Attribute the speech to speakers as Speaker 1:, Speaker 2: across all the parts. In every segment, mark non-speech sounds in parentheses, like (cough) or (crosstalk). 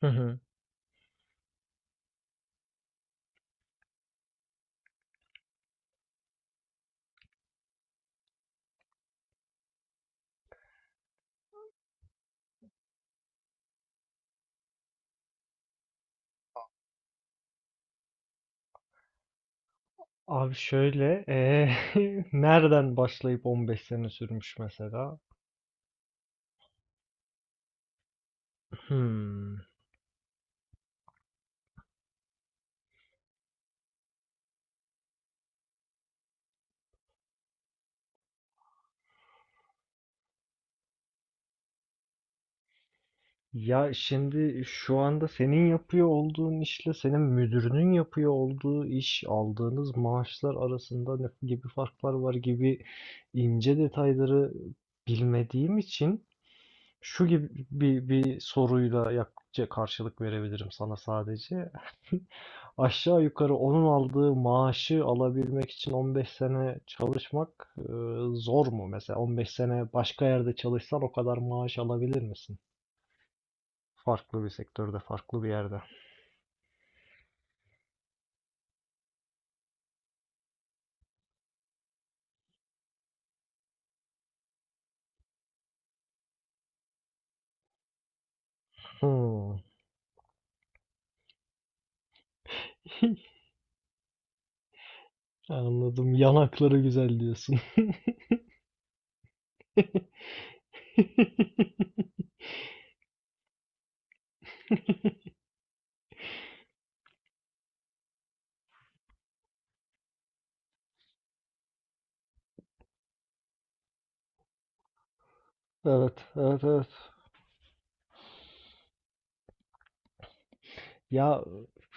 Speaker 1: Hı hı. Abi şöyle, (laughs) nereden başlayıp 15 sene sürmüş mesela? Hmm. Ya şimdi şu anda senin yapıyor olduğun işle senin müdürünün yapıyor olduğu iş, aldığınız maaşlar arasında ne gibi farklar var gibi ince detayları bilmediğim için şu gibi bir karşılık verebilirim sana sadece. (laughs) Aşağı yukarı onun aldığı maaşı alabilmek için 15 sene çalışmak zor mu? Mesela 15 sene başka yerde çalışsan o kadar maaş alabilir misin? Farklı bir sektörde, farklı bir yerde. Hmm, (laughs) anladım. Yanakları güzel diyorsun. (laughs) Evet, evet, evet. Ya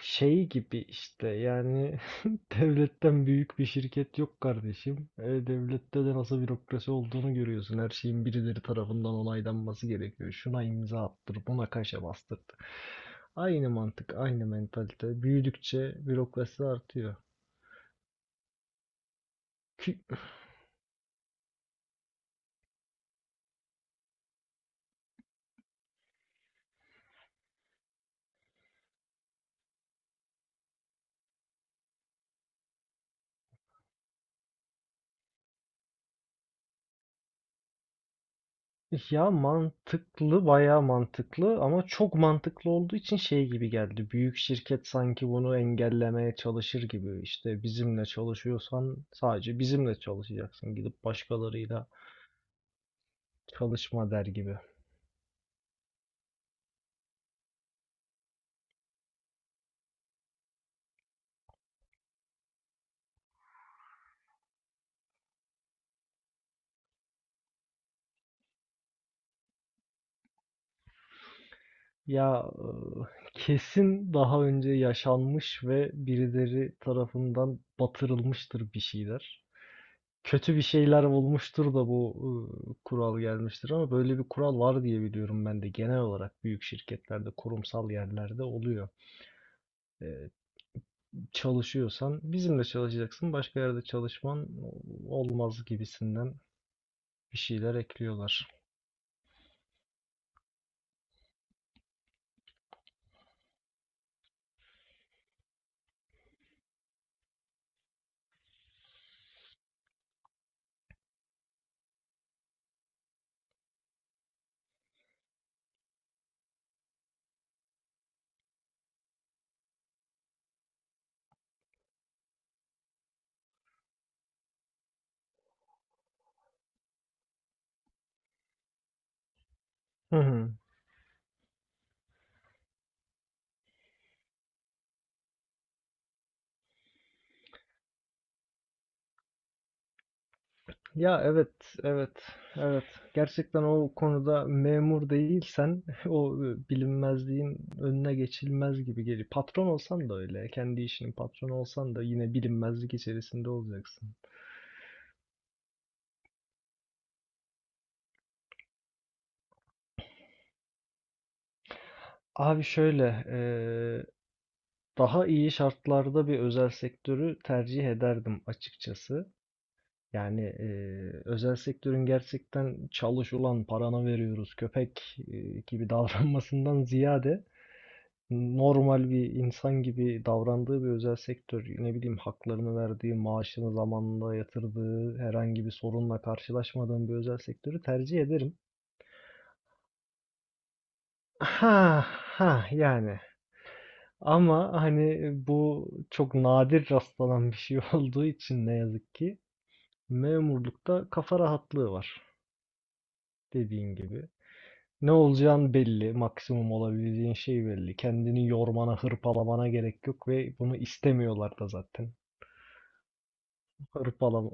Speaker 1: şey gibi işte yani (laughs) devletten büyük bir şirket yok kardeşim. E, devlette de nasıl bürokrasi olduğunu görüyorsun. Her şeyin birileri tarafından onaylanması gerekiyor. Şuna imza attır, buna kaşe bastır. Aynı mantık, aynı mentalite. Büyüdükçe bürokrasi artıyor. Ya mantıklı, bayağı mantıklı ama çok mantıklı olduğu için şey gibi geldi. Büyük şirket sanki bunu engellemeye çalışır gibi. İşte bizimle çalışıyorsan sadece bizimle çalışacaksın. Gidip başkalarıyla çalışma der gibi. Ya kesin daha önce yaşanmış ve birileri tarafından batırılmıştır bir şeyler. Kötü bir şeyler olmuştur da bu kural gelmiştir ama böyle bir kural var diye biliyorum ben de. Genel olarak büyük şirketlerde, kurumsal yerlerde oluyor. Ee, Çalışıyorsan bizimle çalışacaksın, başka yerde çalışman olmaz gibisinden bir şeyler ekliyorlar. Hı hı. Ya evet, evet, evet. Gerçekten o konuda memur değilsen (laughs) o bilinmezliğin önüne geçilmez gibi geliyor. Patron olsan da öyle, kendi işinin patronu olsan da yine bilinmezlik içerisinde olacaksın. Abi şöyle, daha iyi şartlarda bir özel sektörü tercih ederdim açıkçası. Yani özel sektörün gerçekten çalış ulan paranı veriyoruz köpek gibi (laughs) davranmasından ziyade normal bir insan gibi davrandığı bir özel sektör, ne bileyim haklarını verdiği, maaşını zamanında yatırdığı, herhangi bir sorunla karşılaşmadığım bir özel sektörü tercih ederim. Ha ha yani, ama hani bu çok nadir rastlanan bir şey (laughs) olduğu için ne yazık ki memurlukta kafa rahatlığı var, dediğin gibi. Ne olacağın belli, maksimum olabileceğin şey belli. Kendini yormana, hırpalamana gerek yok ve bunu istemiyorlar da zaten. Hırpalama,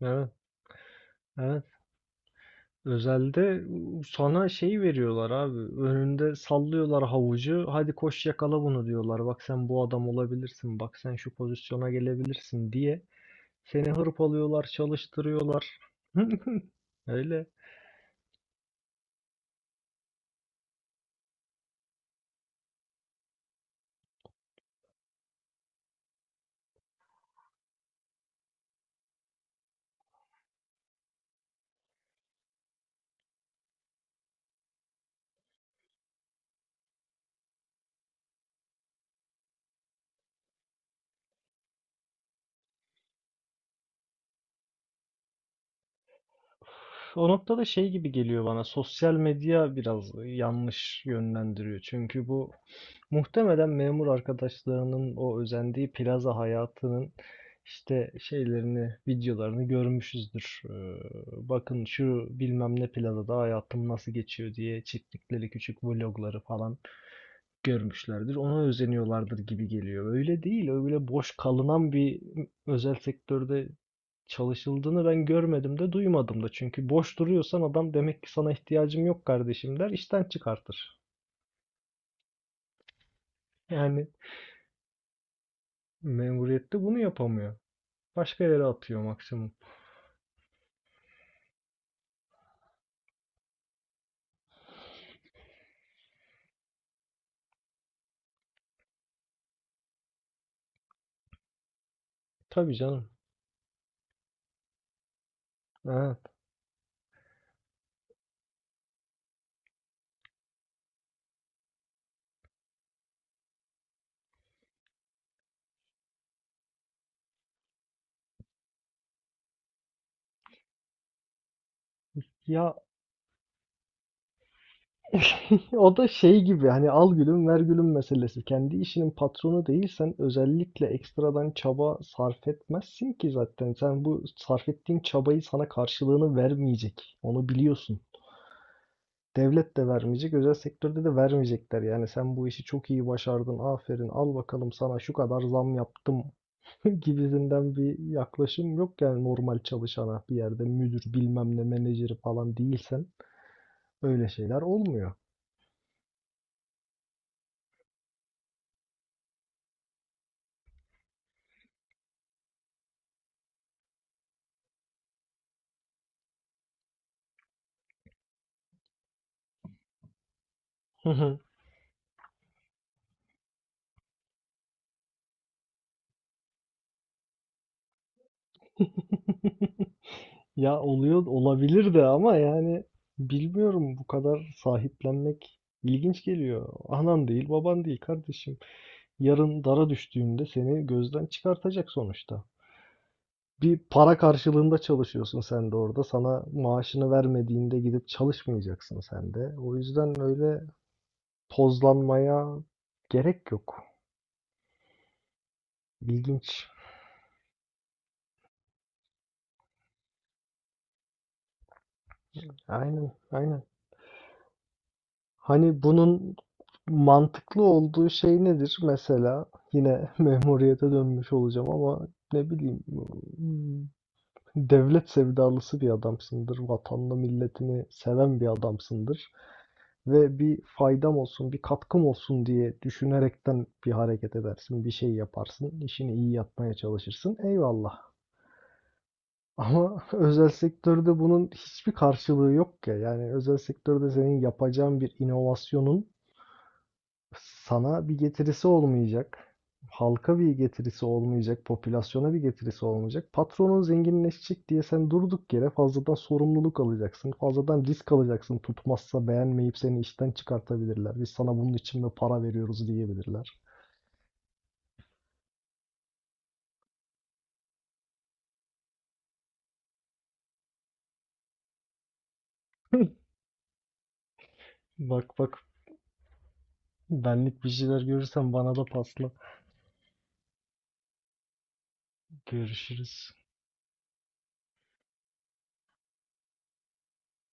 Speaker 1: evet, evet. Özelde sana şey veriyorlar abi. Önünde sallıyorlar havucu. Hadi koş yakala bunu diyorlar. Bak sen bu adam olabilirsin. Bak sen şu pozisyona gelebilirsin diye. Seni hırpalıyorlar, çalıştırıyorlar. (laughs) Öyle. O noktada şey gibi geliyor bana. Sosyal medya biraz yanlış yönlendiriyor. Çünkü bu, muhtemelen memur arkadaşlarının o özendiği plaza hayatının işte şeylerini, videolarını görmüşüzdür. Bakın şu bilmem ne plazada hayatım nasıl geçiyor diye çektikleri küçük vlogları falan görmüşlerdir. Ona özeniyorlardır gibi geliyor. Öyle değil, öyle boş kalınan bir özel sektörde çalışıldığını ben görmedim de duymadım da. Çünkü boş duruyorsan adam demek ki sana ihtiyacım yok kardeşim der, işten çıkartır. Yani memuriyette bunu yapamıyor. Başka yere atıyor maksimum. Tabii canım. Evet. Ya (laughs) o da şey gibi, hani al gülüm ver gülüm meselesi. Kendi işinin patronu değilsen özellikle ekstradan çaba sarf etmezsin ki zaten. Sen bu sarf ettiğin çabayı sana karşılığını vermeyecek. Onu biliyorsun. Devlet de vermeyecek, özel sektörde de vermeyecekler. Yani sen bu işi çok iyi başardın, aferin, al bakalım sana şu kadar zam yaptım (laughs) gibisinden bir yaklaşım yok. Yani normal çalışana bir yerde, müdür bilmem ne menajeri falan değilsen öyle şeyler olmuyor. (laughs) Ya oluyor olabilir de ama yani bilmiyorum, bu kadar sahiplenmek ilginç geliyor. Anan değil, baban değil kardeşim. Yarın dara düştüğünde seni gözden çıkartacak sonuçta. Bir para karşılığında çalışıyorsun sen de orada. Sana maaşını vermediğinde gidip çalışmayacaksın sen de. O yüzden öyle tozlanmaya gerek yok. İlginç. Aynen, aynen. Hani bunun mantıklı olduğu şey nedir? Mesela yine (laughs) memuriyete dönmüş olacağım ama ne bileyim, hmm, devlet sevdalısı bir adamsındır. Vatanını, milletini seven bir adamsındır. Ve bir faydam olsun, bir katkım olsun diye düşünerekten bir hareket edersin, bir şey yaparsın, işini iyi yapmaya çalışırsın. Eyvallah. Ama (laughs) özel sektörde bunun hiçbir karşılığı yok ya. Yani özel sektörde senin yapacağın bir inovasyonun sana bir getirisi olmayacak. Halka bir getirisi olmayacak, popülasyona bir getirisi olmayacak. Patronun zenginleşecek diye sen durduk yere fazladan sorumluluk alacaksın, fazladan risk alacaksın. Tutmazsa beğenmeyip seni işten çıkartabilirler. Biz sana bunun için mi para veriyoruz diyebilirler. (laughs) Bak bak, benlik bir şeyler görürsen bana da pasla. Görüşürüz.